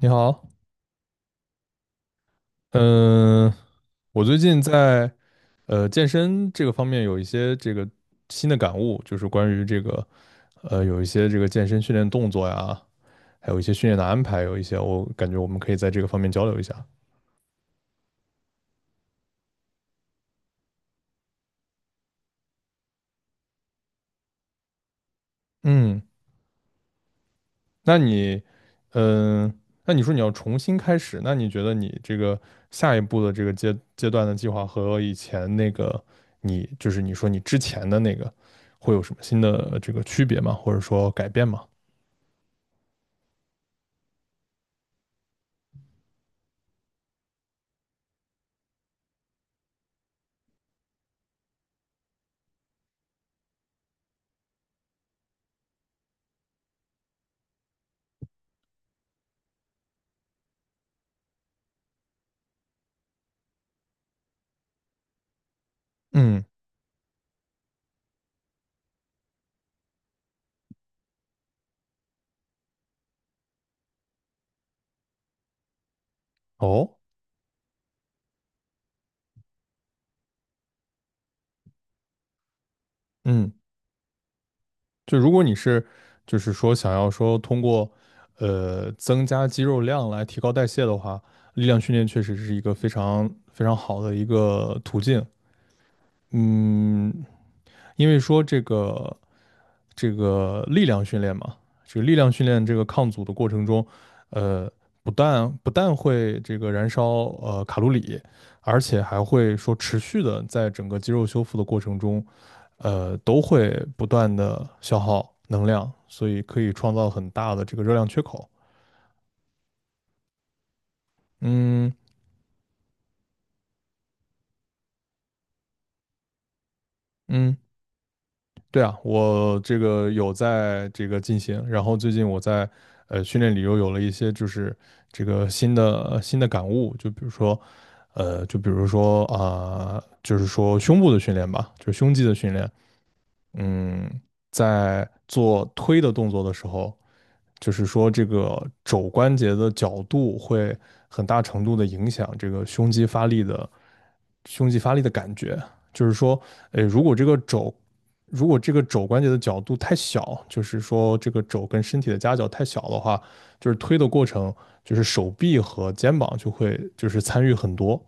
你好，嗯，我最近在健身这个方面有一些这个新的感悟，就是关于这个有一些这个健身训练动作呀，还有一些训练的安排，有一些我感觉我们可以在这个方面交流一下。嗯，那你，嗯，那你说你要重新开始，那你觉得你这个下一步的这个阶段的计划和以前那个你就是你说你之前的那个会有什么新的这个区别吗？或者说改变吗？嗯。哦，嗯，就如果你是就是说想要说通过增加肌肉量来提高代谢的话，力量训练确实是一个非常非常好的一个途径。嗯，因为说这个力量训练嘛，这个力量训练这个抗阻的过程中，呃，不但会这个燃烧卡路里，而且还会说持续的在整个肌肉修复的过程中。都会不断的消耗能量，所以可以创造很大的这个热量缺口。嗯嗯，对啊，我这个有在这个进行，然后最近我在训练里又有了一些就是这个新的感悟，就比如说就比如说啊、就是说胸部的训练吧，就是胸肌的训练，嗯，在做推的动作的时候，就是说这个肘关节的角度会很大程度的影响这个胸肌发力的感觉。就是说，呃，如果这个肘如果这个肘关节的角度太小，就是说这个肘跟身体的夹角太小的话，就是推的过程，就是手臂和肩膀就会就是参与很多。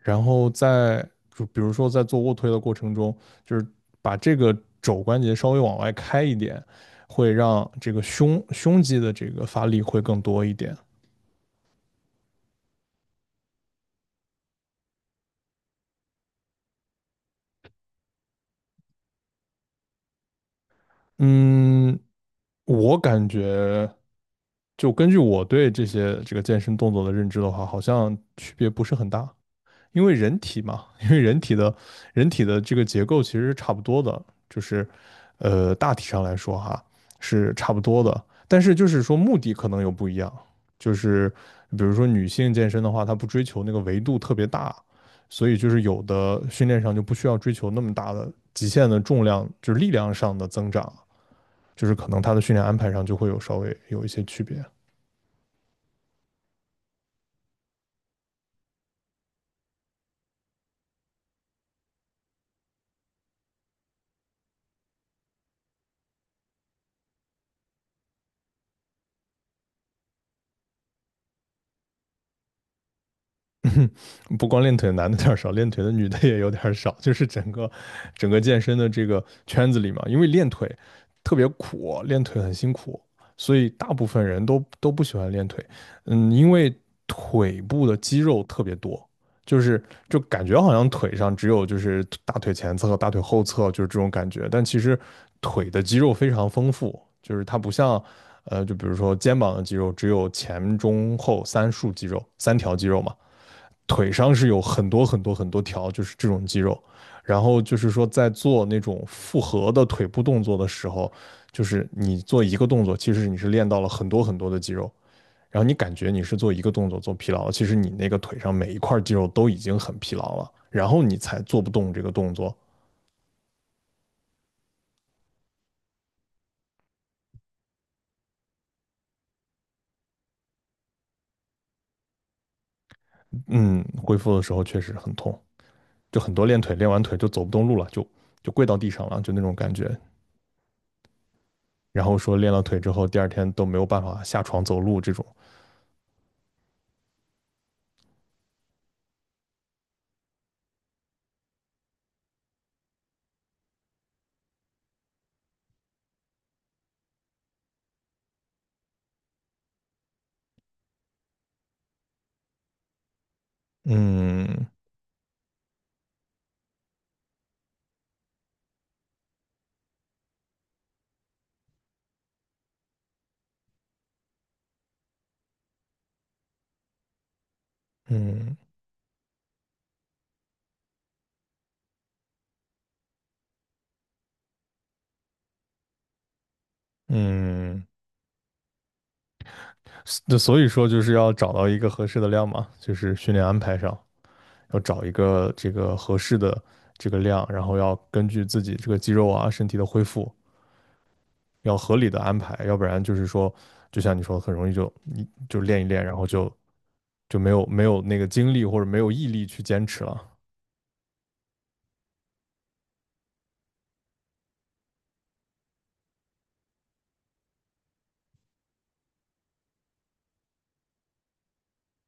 然后在就比如说在做卧推的过程中，就是把这个肘关节稍微往外开一点，会让这个胸肌的这个发力会更多一点。嗯，我感觉就根据我对这些这个健身动作的认知的话，好像区别不是很大。因为人体嘛，因为人体的这个结构其实是差不多的，就是大体上来说哈是差不多的，但是就是说目的可能有不一样，就是比如说女性健身的话，她不追求那个维度特别大，所以就是有的训练上就不需要追求那么大的极限的重量，就是力量上的增长，就是可能她的训练安排上就会有稍微有一些区别。不光练腿的男的有点少，练腿的女的也有点少，就是整个健身的这个圈子里嘛，因为练腿特别苦，练腿很辛苦，所以大部分人都不喜欢练腿。嗯，因为腿部的肌肉特别多，就是就感觉好像腿上只有就是大腿前侧和大腿后侧就是这种感觉，但其实腿的肌肉非常丰富，就是它不像。就比如说肩膀的肌肉只有前中后三束肌肉，三条肌肉嘛，腿上是有很多很多很多条，就是这种肌肉。然后就是说，在做那种复合的腿部动作的时候，就是你做一个动作，其实你是练到了很多很多的肌肉。然后你感觉你是做一个动作做疲劳了，其实你那个腿上每一块肌肉都已经很疲劳了，然后你才做不动这个动作。嗯，恢复的时候确实很痛，就很多练腿练完腿就走不动路了，就跪到地上了，就那种感觉。然后说练了腿之后，第二天都没有办法下床走路这种。嗯，嗯嗯，那所以说就是要找到一个合适的量嘛，就是训练安排上要找一个这个合适的这个量，然后要根据自己这个肌肉啊身体的恢复，要合理的安排，要不然就是说，就像你说的，很容易就你就练一练，然后就就没有那个精力或者没有毅力去坚持了。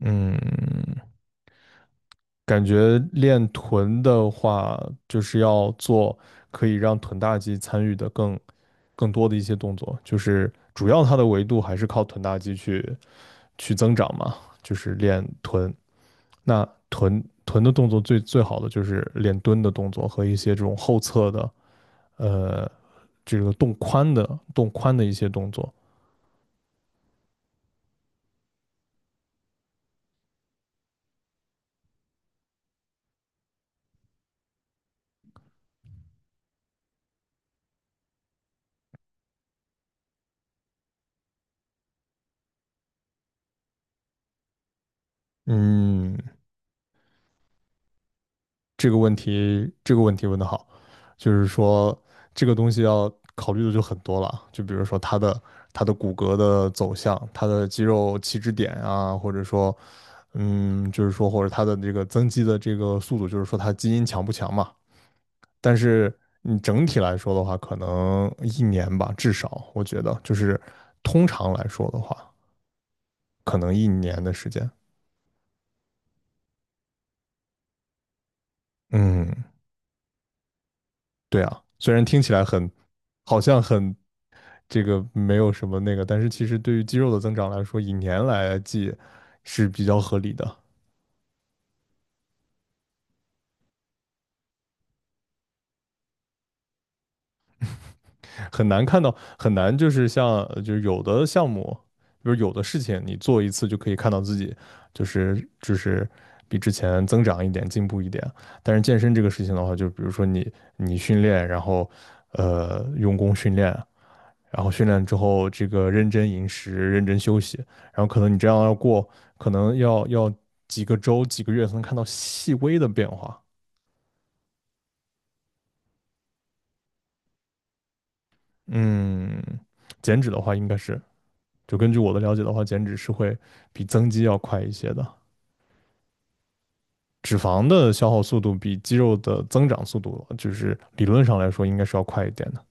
嗯感觉练臀的话，就是要做可以让臀大肌参与的更多的一些动作，就是主要它的维度还是靠臀大肌去去增长嘛，就是练臀。那臀的动作最好的就是练蹲的动作和一些这种后侧的呃这个动髋的一些动作。嗯，这个问题问得好，就是说这个东西要考虑的就很多了，就比如说它的骨骼的走向，它的肌肉起止点啊，或者说，嗯，就是说或者它的这个增肌的这个速度，就是说它基因强不强嘛。但是你整体来说的话，可能一年吧，至少我觉得就是通常来说的话，可能一年的时间。嗯，对啊，虽然听起来很，好像很这个没有什么那个，但是其实对于肌肉的增长来说，以年来计是比较合理的。很难看到，很难就是像就是有的项目，比如有的事情，你做一次就可以看到自己就是就是比之前增长一点，进步一点。但是健身这个事情的话，就比如说你训练，然后用功训练，然后训练之后，这个认真饮食、认真休息，然后可能你这样要过，可能要几个周、几个月才能看到细微的变化。嗯，减脂的话，应该是就根据我的了解的话，减脂是会比增肌要快一些的。脂肪的消耗速度比肌肉的增长速度，就是理论上来说应该是要快一点的。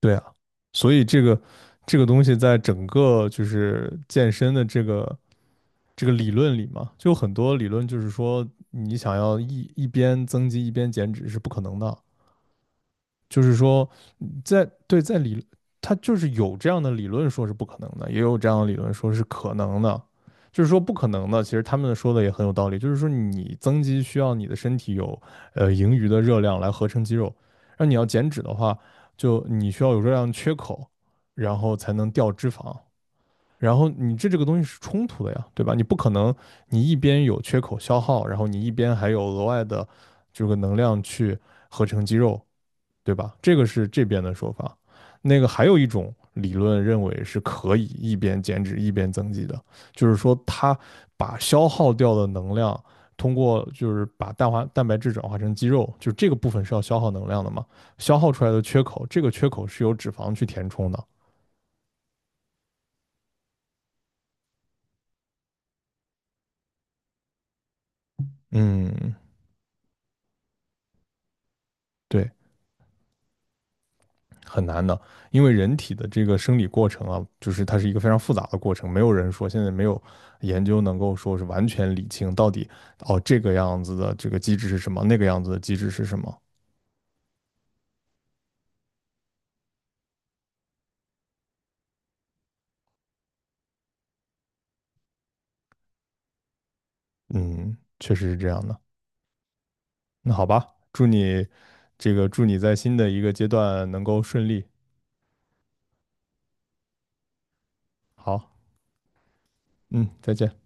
对啊，所以这个这个东西在整个就是健身的这个这个理论里嘛，就有很多理论就是说，你想要一边增肌一边减脂是不可能的。就是说，在对在理，他就是有这样的理论说是不可能的，也有这样的理论说是可能的。就是说不可能的，其实他们说的也很有道理。就是说你增肌需要你的身体有盈余的热量来合成肌肉，那你要减脂的话，就你需要有热量缺口，然后才能掉脂肪。然后你这个东西是冲突的呀，对吧？你不可能你一边有缺口消耗，然后你一边还有额外的这个能量去合成肌肉，对吧？这个是这边的说法。那个还有一种理论认为是可以一边减脂一边增肌的，就是说它把消耗掉的能量通过就是把蛋白质转化成肌肉，就这个部分是要消耗能量的嘛，消耗出来的缺口，这个缺口是由脂肪去填充的。嗯，对。很难的，因为人体的这个生理过程啊，就是它是一个非常复杂的过程，没有人说现在没有研究能够说是完全理清到底哦这个样子的这个机制是什么，那个样子的机制是什么。嗯，确实是这样的。那好吧，祝你这个祝你在新的一个阶段能够顺利。好，嗯，再见。